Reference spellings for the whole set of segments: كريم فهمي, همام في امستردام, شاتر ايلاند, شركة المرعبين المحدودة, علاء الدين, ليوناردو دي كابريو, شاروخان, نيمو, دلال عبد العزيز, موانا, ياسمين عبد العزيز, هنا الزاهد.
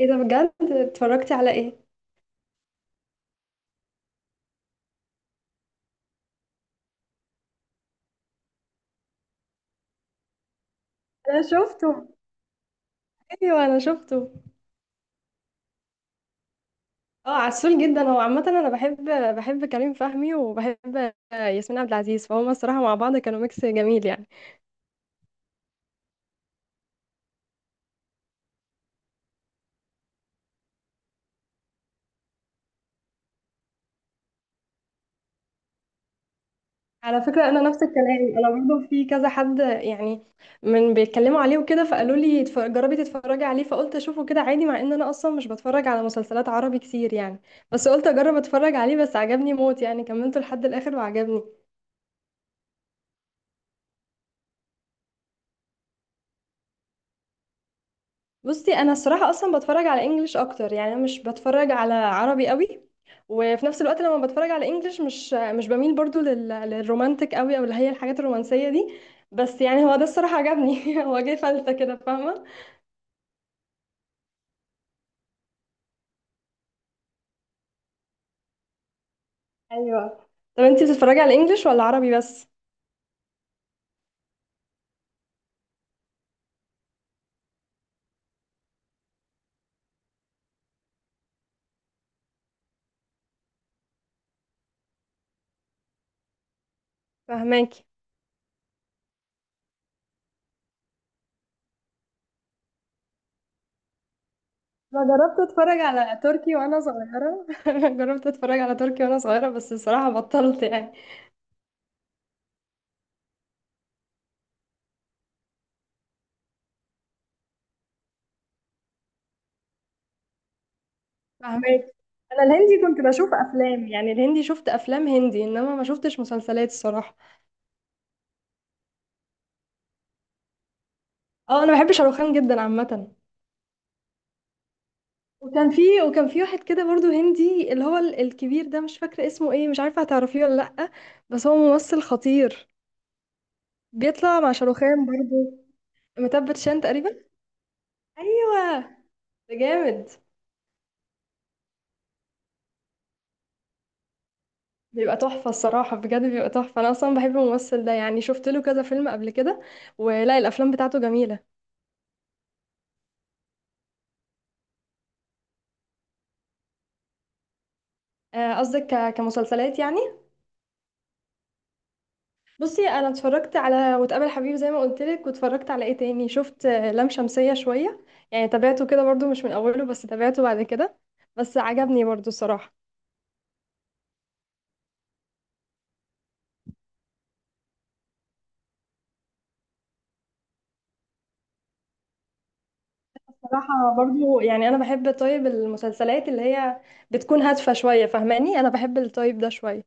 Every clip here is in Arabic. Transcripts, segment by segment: ايه ده بجد؟ اتفرجتي على ايه؟ انا شفته، ايوه انا شفته. اه عسول جدا، هو عامه انا بحب كريم فهمي وبحب ياسمين عبد العزيز، فهما الصراحه مع بعض كانوا ميكس جميل يعني. على فكره انا نفس الكلام، انا برضه في كذا حد يعني من بيتكلموا عليه وكده، فقالوا لي جربي تتفرجي عليه، فقلت اشوفه كده عادي، مع ان انا اصلا مش بتفرج على مسلسلات عربي كتير يعني. بس قلت اجرب اتفرج عليه، بس عجبني موت يعني، كملته لحد الاخر وعجبني. بصي انا الصراحه اصلا بتفرج على انجليش اكتر يعني، انا مش بتفرج على عربي قوي، وفي نفس الوقت لما بتفرج على انجليش مش بميل برضو للرومانتك قوي، او اللي هي الحاجات الرومانسيه دي. بس يعني هو ده الصراحه عجبني هو جه فلتة كده، فاهمه. ايوه. طب انتي بتتفرجي على انجليش ولا عربي بس؟ فهماكي. انا جربت اتفرج على تركي وانا صغيره جربت اتفرج على تركي وانا صغيره، بس الصراحه بطلت يعني. فاهمك. انا الهندي كنت بشوف افلام، يعني الهندي شفت افلام هندي، انما ما شفتش مسلسلات الصراحه. اه انا بحب شاروخان جدا عامه. وكان في وكان في واحد كده برضو هندي، اللي هو الكبير ده، مش فاكره اسمه ايه، مش عارفه هتعرفيه ولا لا، بس هو ممثل خطير، بيطلع مع شاروخان برضو، متبت شان تقريبا. ايوه. ده جامد. بيبقى تحفه الصراحه بجد، بيبقى تحفه، انا اصلا بحب الممثل ده، يعني شفت له كذا فيلم قبل كده، ولا الافلام بتاعته جميله. قصدك كمسلسلات يعني. بصي انا اتفرجت على وتقابل حبيب زي ما قلت لك، واتفرجت على ايه تاني؟ شفت لام شمسية شوية، يعني تابعته كده برضو مش من اوله بس تابعته بعد كده، بس عجبني برضو الصراحة. صراحة برضو يعني انا بحب طيب المسلسلات اللي هي بتكون هادفة شوية، فاهماني؟ انا بحب الطيب ده شوية،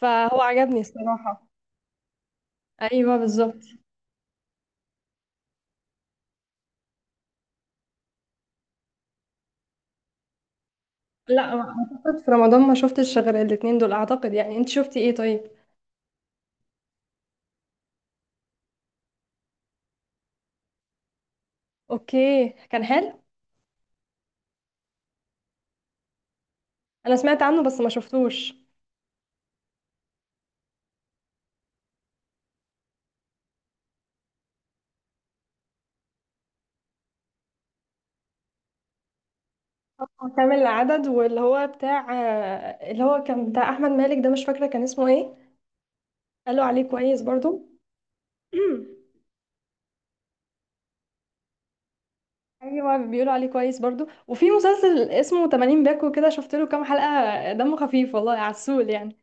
فهو عجبني الصراحة. ايوه بالظبط. لا اعتقد في رمضان ما شفتش غير الاتنين دول اعتقد، يعني انت شفتي ايه طيب؟ اوكي كان حلو. انا سمعت عنه بس ما شفتوش. كام العدد، واللي هو بتاع، اللي هو كان بتاع احمد مالك ده، مش فاكره كان اسمه ايه، قالوا عليه كويس برضو. ايوه بيقولوا عليه كويس برضو. وفي مسلسل اسمه 80 باكو، كده شفت له كام حلقه دمه خفيف والله عسول يعني.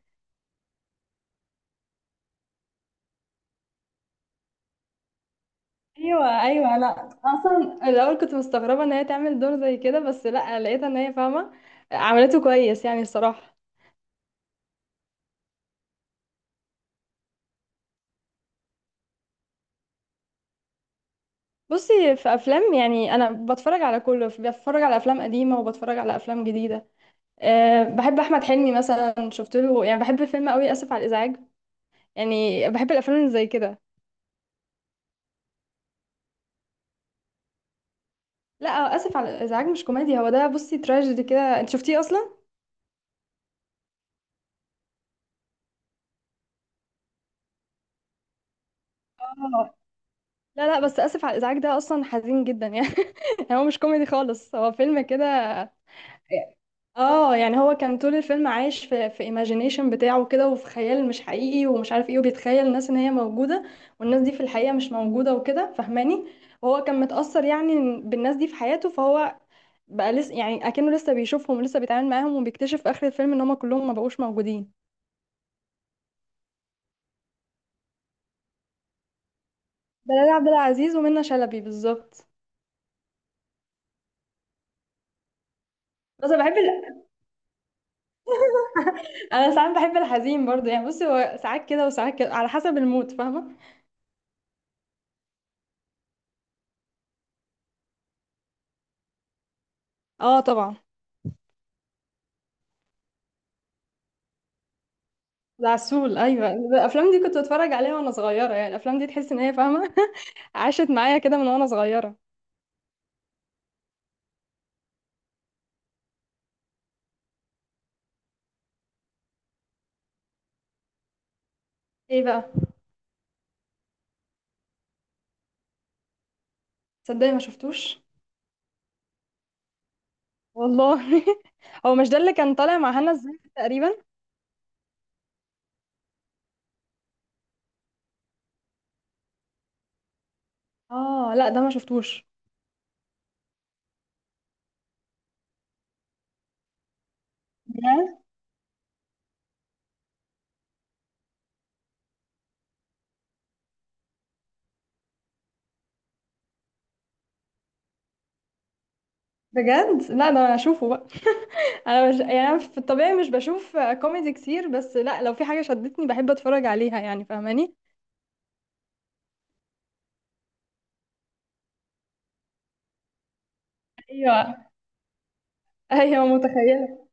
ايوه ايوه، لا اصلا الاول كنت مستغربه ان هي تعمل دور زي كده، بس لا لقيتها ان هي فاهمه، عملته كويس يعني الصراحه. بصي في افلام يعني انا بتفرج على كله، بتفرج على افلام قديمه وبتفرج على افلام جديده. أه بحب احمد حلمي مثلا، شفت له يعني، بحب الفيلم قوي اسف على الازعاج، يعني بحب الافلام اللي زي كده. لا اسف على الازعاج مش كوميدي، هو ده بصي تراجيدي كده، انت شفتيه اصلا؟ اه لا لا، بس اسف على الازعاج ده اصلا حزين جدا يعني هو مش كوميدي خالص، هو فيلم كده. اه يعني هو كان طول الفيلم عايش في ايماجينيشن بتاعه كده، وفي خيال مش حقيقي ومش عارف ايه، وبيتخيل الناس ان هي موجوده، والناس دي في الحقيقه مش موجوده وكده فاهماني، وهو كان متأثر يعني بالناس دي في حياته، فهو بقى لسه يعني اكنه لسه بيشوفهم ولسه بيتعامل معاهم، وبيكتشف في اخر الفيلم ان هم كلهم ما بقوش موجودين. دلال عبد العزيز ومنى شلبي بالظبط. بس أنا بحب ال... انا ساعات بحب الحزين برضو يعني، بصي هو ساعات كده وساعات كده على حسب المود فاهمه. اه طبعا. العسول ايوه، الافلام دي كنت بتفرج عليها وانا صغيره يعني، الافلام دي تحس ان هي فاهمه عاشت معايا كده من وانا صغيره. ايه بقى؟ تصدقي ما شفتوش والله هو مش ده اللي كان طالع مع هنا الزاهد تقريبا؟ اه لا ده ما شفتوش بجد. بجد؟ لا ده انا اشوفه بقى. انا مش، يعني أنا في الطبيعي مش بشوف كوميدي كتير، بس لا لو في حاجه شدتني بحب اتفرج عليها يعني فاهماني. ايوه ايوه متخيله.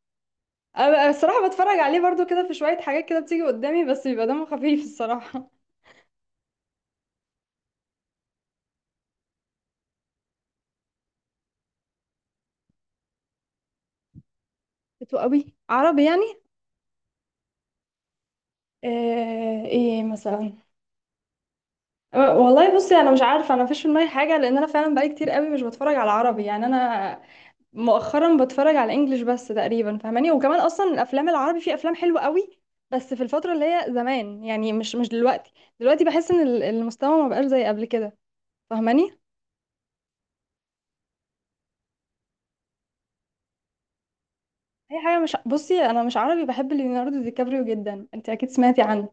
أنا الصراحه بتفرج عليه برضو كده، في شويه حاجات كده بتيجي قدامي، بس بيبقى دمه خفيف الصراحه. بتو قوي عربي يعني. ايه مثلا؟ والله بصي انا مش عارفه، انا مفيش في دماغي حاجه، لان انا فعلا بقالي كتير قوي مش بتفرج على عربي يعني، انا مؤخرا بتفرج على انجليش بس تقريبا فاهماني، وكمان اصلا الافلام العربي في افلام حلوه قوي بس في الفتره اللي هي زمان يعني، مش دلوقتي. دلوقتي بحس ان المستوى ما بقاش زي قبل كده، فاهماني. اي حاجه، مش، بصي انا مش عربي، بحب ليوناردو دي كابريو جدا، انت اكيد سمعتي عنه،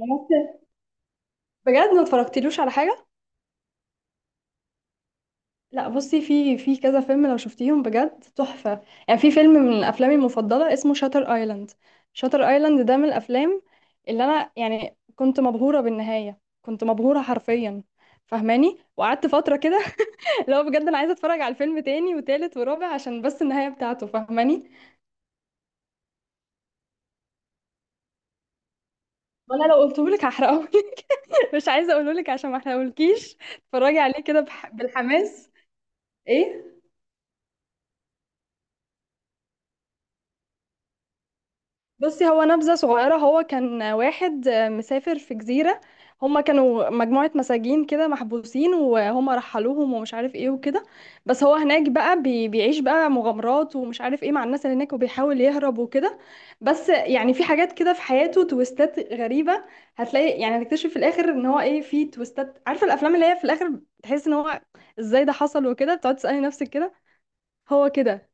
الممثل؟ بجد ما اتفرجتلوش على حاجه. لا بصي في كذا فيلم لو شفتيهم بجد تحفة، يعني في فيلم من أفلامي المفضلة اسمه شاتر ايلاند، شاتر ايلاند ده من الأفلام اللي أنا يعني كنت مبهورة بالنهاية، كنت مبهورة حرفيا فاهماني، وقعدت فترة كده لو بجد أنا عايزة أتفرج على الفيلم تاني وتالت ورابع عشان بس النهاية بتاعته فاهماني. وأنا لو قلتهولك هحرقهولك مش عايزة أقولهولك عشان ما أحرقهولكيش، اتفرجي عليه كده بالحماس. ايه. بصي هو نبذة صغيرة، هو كان واحد مسافر في جزيرة، هما كانوا مجموعة مساجين كده محبوسين، وهما رحلوهم ومش عارف ايه وكده، بس هو هناك بقى بيعيش بقى مغامرات ومش عارف ايه مع الناس اللي هناك، وبيحاول يهرب وكده، بس يعني في حاجات كده في حياته تويستات غريبة، هتلاقي يعني هنكتشف في الآخر ان هو ايه، في تويستات، عارفة الأفلام اللي هي في الآخر تحس ان هو ازاي ده حصل وكده، بتقعد تسألي نفسك كده، هو كده.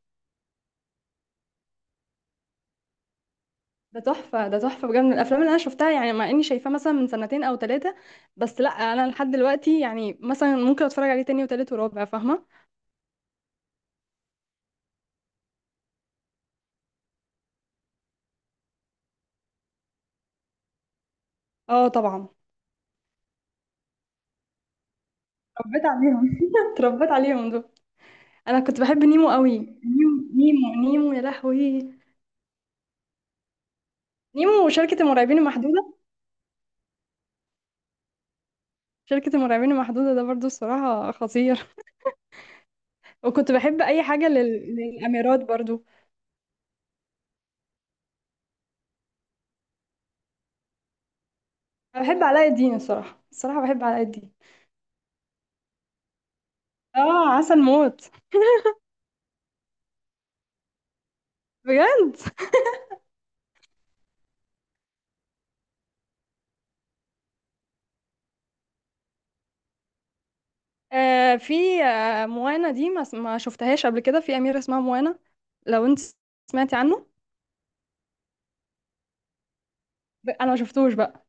ده تحفة، ده تحفة بجد، من الأفلام اللي أنا شفتها، يعني مع إني شايفاه مثلا من سنتين أو ثلاثة، بس لأ أنا لحد دلوقتي يعني مثلا ممكن أتفرج عليه تاني وتالت ورابع، فاهمة؟ اه طبعا. اتربيت عليهم اتربيت عليهم دول. أنا كنت بحب نيمو قوي، نيمو، نيمو، نيمو يا لهوي، نيمو وشركة المرعبين المحدودة، شركة المرعبين المحدودة ده برضو الصراحة خطير، وكنت بحب أي حاجة للأميرات برضو. أنا بحب علاء الدين الصراحة، الصراحة بحب علاء الدين، اه عسل موت. بجد؟ في موانا دي، ما شفتهاش قبل كده، في أميرة اسمها موانا لو انت سمعتي عنه. انا ما شفتوش بقى،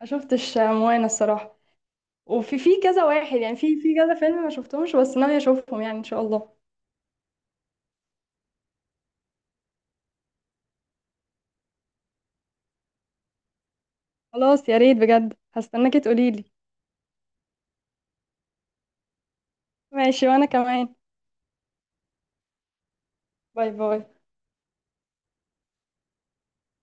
ما شفتش موانا الصراحة. وفي كذا واحد يعني، في كذا فيلم ما شفتهمش بس ناوية اشوفهم يعني ان شاء الله. خلاص يا ريت بجد، هستناكي تقوليلي. ماشي وانا كمان. باي باي.